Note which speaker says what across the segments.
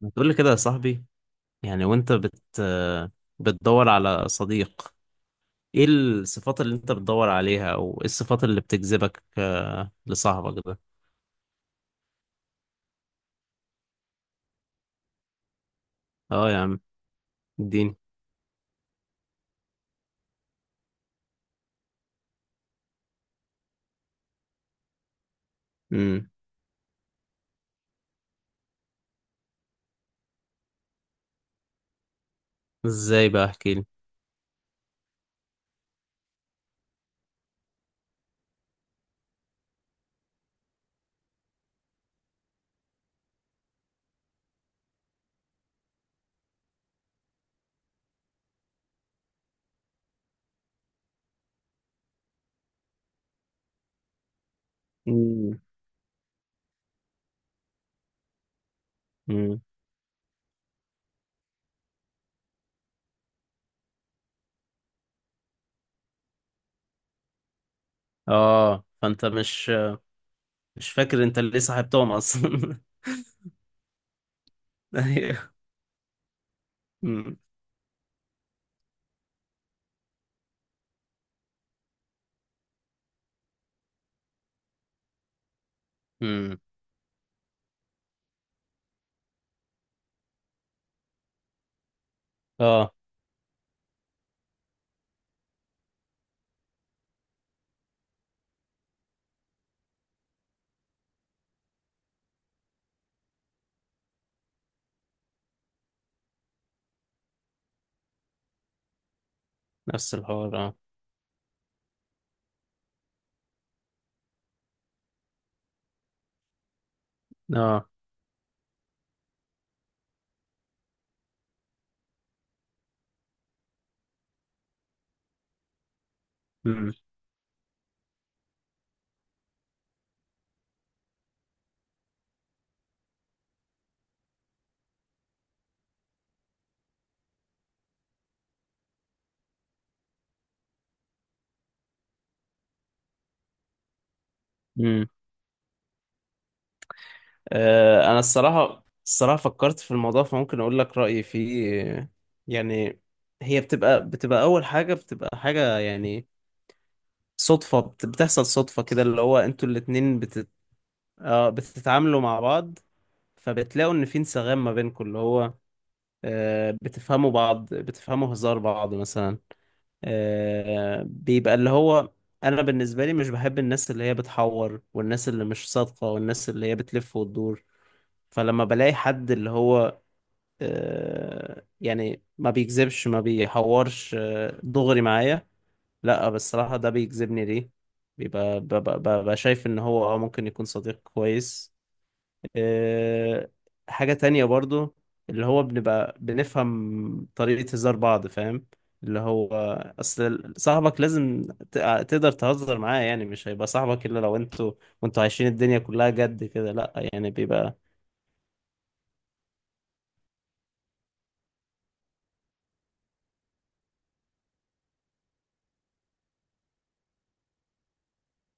Speaker 1: ما تقول لي كده يا صاحبي. يعني وانت بتدور على صديق، ايه الصفات اللي انت بتدور عليها او ايه الصفات اللي بتجذبك لصاحبك ده؟ اه يا عم. اديني. امم. ازاي بقى احكي لي؟ امم امم. اه فانت مش فاكر انت ليه صاحبتهم اصلا؟ ايوه. امم امم. اه نفس الحوار اه. اه. امم. انا الصراحه فكرت في الموضوع فممكن اقول لك رايي فيه. يعني هي بتبقى اول حاجه بتبقى حاجه، يعني صدفه، بتحصل صدفه كده، اللي هو انتوا الاتنين بتت... بتتعاملوا مع بعض، فبتلاقوا ان في انسجام ما بينكم، اللي هو بتفهموا بعض، بتفهموا هزار بعض مثلا. بيبقى اللي هو انا بالنسبه لي مش بحب الناس اللي هي بتحور، والناس اللي مش صادقه، والناس اللي هي بتلف وتدور. فلما بلاقي حد اللي هو يعني ما بيكذبش ما بيحورش، دغري معايا، لا بس الصراحة ده بيجذبني. ليه؟ بيبقى ببقى شايف ان هو ممكن يكون صديق كويس. آه، حاجة تانية برضو، اللي هو بنبقى بنفهم طريقة هزار بعض، فاهم؟ اللي هو اصل صاحبك لازم ت- تقدر تهزر معاه، يعني مش هيبقى صاحبك الا لو انتوا وانتوا عايشين الدنيا كلها جد كده، لا يعني بيبقى.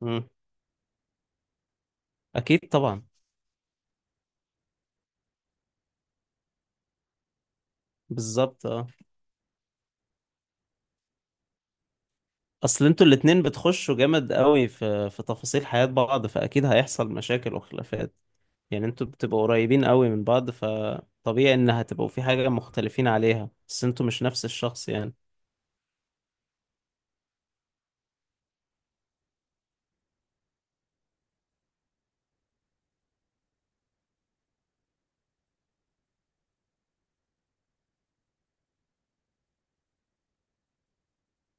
Speaker 1: مم. اكيد طبعا. بالظبط اه. اصل انتوا الاتنين بتخشوا جامد قوي في تفاصيل حياة بعض، فاكيد هيحصل مشاكل وخلافات. يعني انتوا بتبقوا قريبين قوي من بعض، فطبيعي ان هتبقوا في حاجة مختلفين عليها، بس انتوا مش نفس الشخص يعني.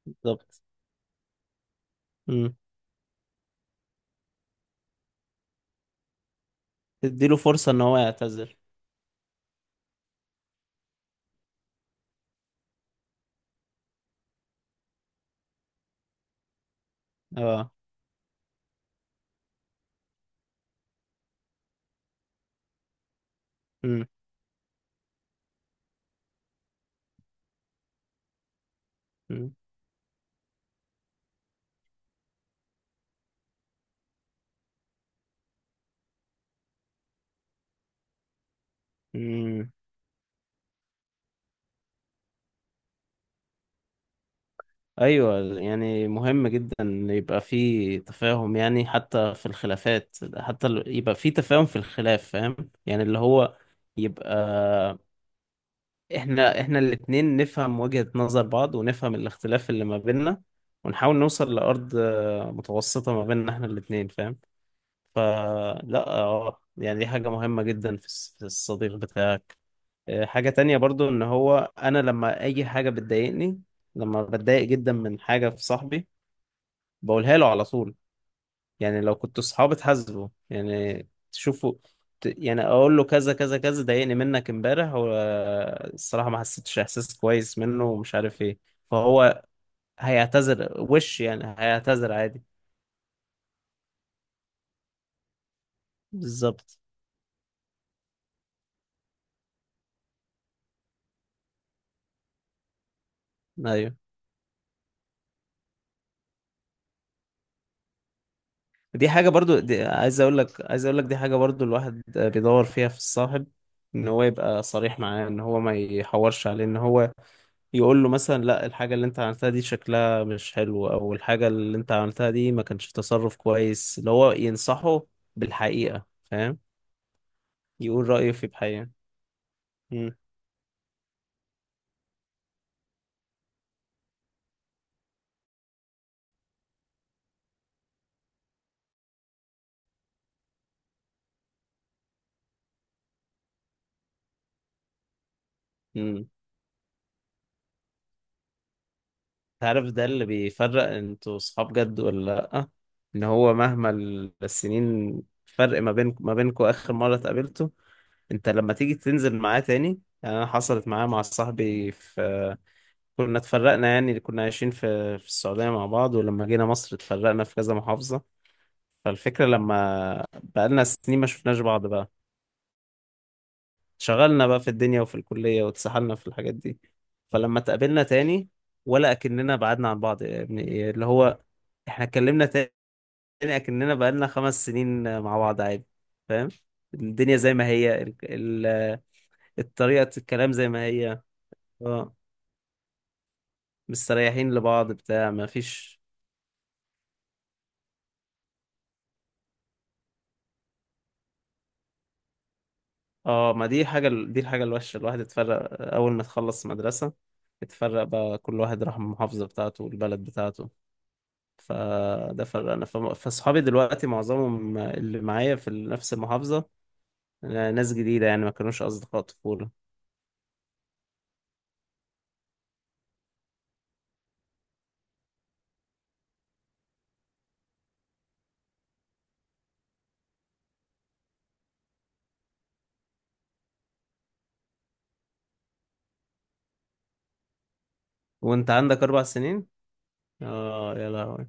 Speaker 1: بالظبط. امم. تديله فرصة ان هو يعتذر. اه. امم امم. أمم. ايوه، يعني مهم جدا ان يبقى في تفاهم، يعني حتى في الخلافات، حتى يبقى في تفاهم في الخلاف، فاهم؟ يعني اللي هو يبقى احنا الاتنين نفهم وجهة نظر بعض، ونفهم الاختلاف اللي ما بيننا، ونحاول نوصل لأرض متوسطة ما بيننا احنا الاتنين، فاهم؟ فلا يعني دي حاجة مهمة جدا في في الصديق بتاعك. حاجة تانية برضو، ان هو انا لما اي حاجة بتضايقني، لما بتضايق جدا من حاجة في صاحبي، بقولها له على طول. يعني لو كنتوا صحاب تحاسبه، يعني تشوفوا يعني اقول له كذا كذا كذا ضايقني منك امبارح، والصراحة ما حسيتش احساس كويس منه ومش عارف ايه. فهو هيعتذر، وش يعني هيعتذر عادي. بالظبط. ايوه دي حاجة برضو، دي عايز اقول لك دي حاجة برضو الواحد بيدور فيها في الصاحب، ان هو يبقى صريح معاه، ان هو ما يحورش عليه، ان هو يقول له مثلا لا، الحاجة اللي انت عملتها دي شكلها مش حلو، او الحاجة اللي انت عملتها دي ما كانش تصرف كويس، اللي هو ينصحه بالحقيقة، فاهم؟ يقول رأيه في بحقيقة. مم. مم. تعرف ده اللي بيفرق انتوا صحاب جد ولا لأ؟ ان هو مهما السنين فرق ما بين ما بينكوا اخر مرة اتقابلته، انت لما تيجي تنزل معاه تاني. يعني انا حصلت معايا مع صاحبي في... كنا اتفرقنا، يعني كنا عايشين في السعودية مع بعض، ولما جينا مصر اتفرقنا في كذا محافظة. فالفكرة لما بقالنا سنين ما شفناش بعض بقى، شغلنا بقى في الدنيا وفي الكلية واتسحلنا في الحاجات دي. فلما اتقابلنا تاني، ولا أكننا بعدنا عن بعض يا ابني، إيه اللي هو احنا اتكلمنا تاني أكننا بقالنا 5 سنين مع بعض عادي، فاهم؟ الدنيا زي ما هي، الطريقة الكلام زي ما هي. اه. مستريحين لبعض بتاع، ما فيش. اه، ما دي حاجة، دي الحاجة الوحشة، الواحد اتفرق. أول ما تخلص مدرسة اتفرق بقى، كل واحد راح المحافظة بتاعته والبلد بتاعته. فده فرقنا. فصحابي دلوقتي معظمهم اللي معايا في نفس المحافظة ناس جديدة، يعني ما كانوش أصدقاء طفولة. وأنت عندك 4 سنين؟ اه يا لهوي.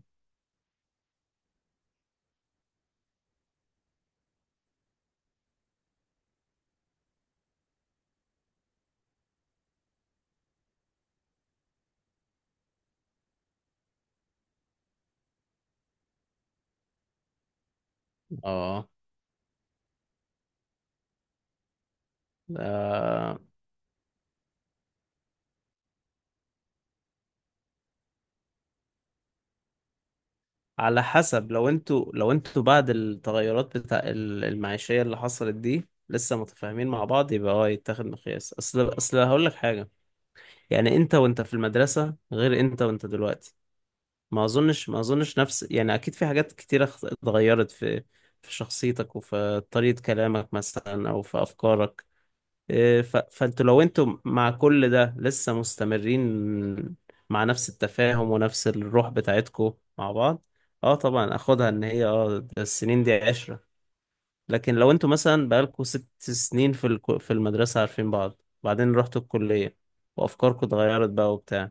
Speaker 1: اه. آه، على حسب، لو انتوا بعد التغيرات بتاع المعيشية اللي حصلت دي لسه متفاهمين مع بعض يبقى اه يتاخد مقياس. اصل هقول لك حاجة، يعني انت وانت في المدرسة غير انت وانت دلوقتي. ما اظنش نفس، يعني اكيد في حاجات كتيرة اتغيرت في في شخصيتك وفي طريقة كلامك مثلا او في افكارك. إيه، فانتوا لو انتوا مع كل ده لسه مستمرين مع نفس التفاهم ونفس الروح بتاعتكم مع بعض، اه طبعا اخدها ان هي ده السنين دي 10. لكن لو انتوا مثلا بقالكوا 6 سنين في في المدرسة عارفين بعض، وبعدين رحتوا الكلية وافكاركم اتغيرت بقى وبتاع،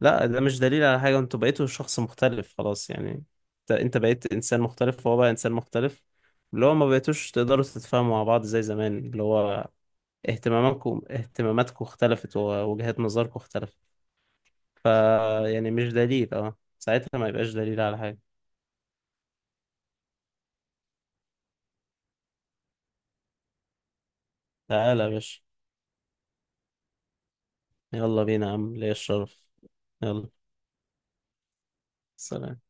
Speaker 1: لا ده مش دليل على حاجة، انتوا بقيتوا شخص مختلف خلاص يعني. انت بقيت انسان مختلف، وهو بقى انسان مختلف، اللي هو ما بقيتوش تقدروا تتفاهموا مع بعض زي زمان، اللي هو اهتماماتكم اختلفت، ووجهات نظركم اختلفت. ف يعني مش دليل، ساعتها ما يبقاش دليل على حاجة. تعالى يا باشا، يلا بينا يا عم، ليا الشرف. يلا. سلام.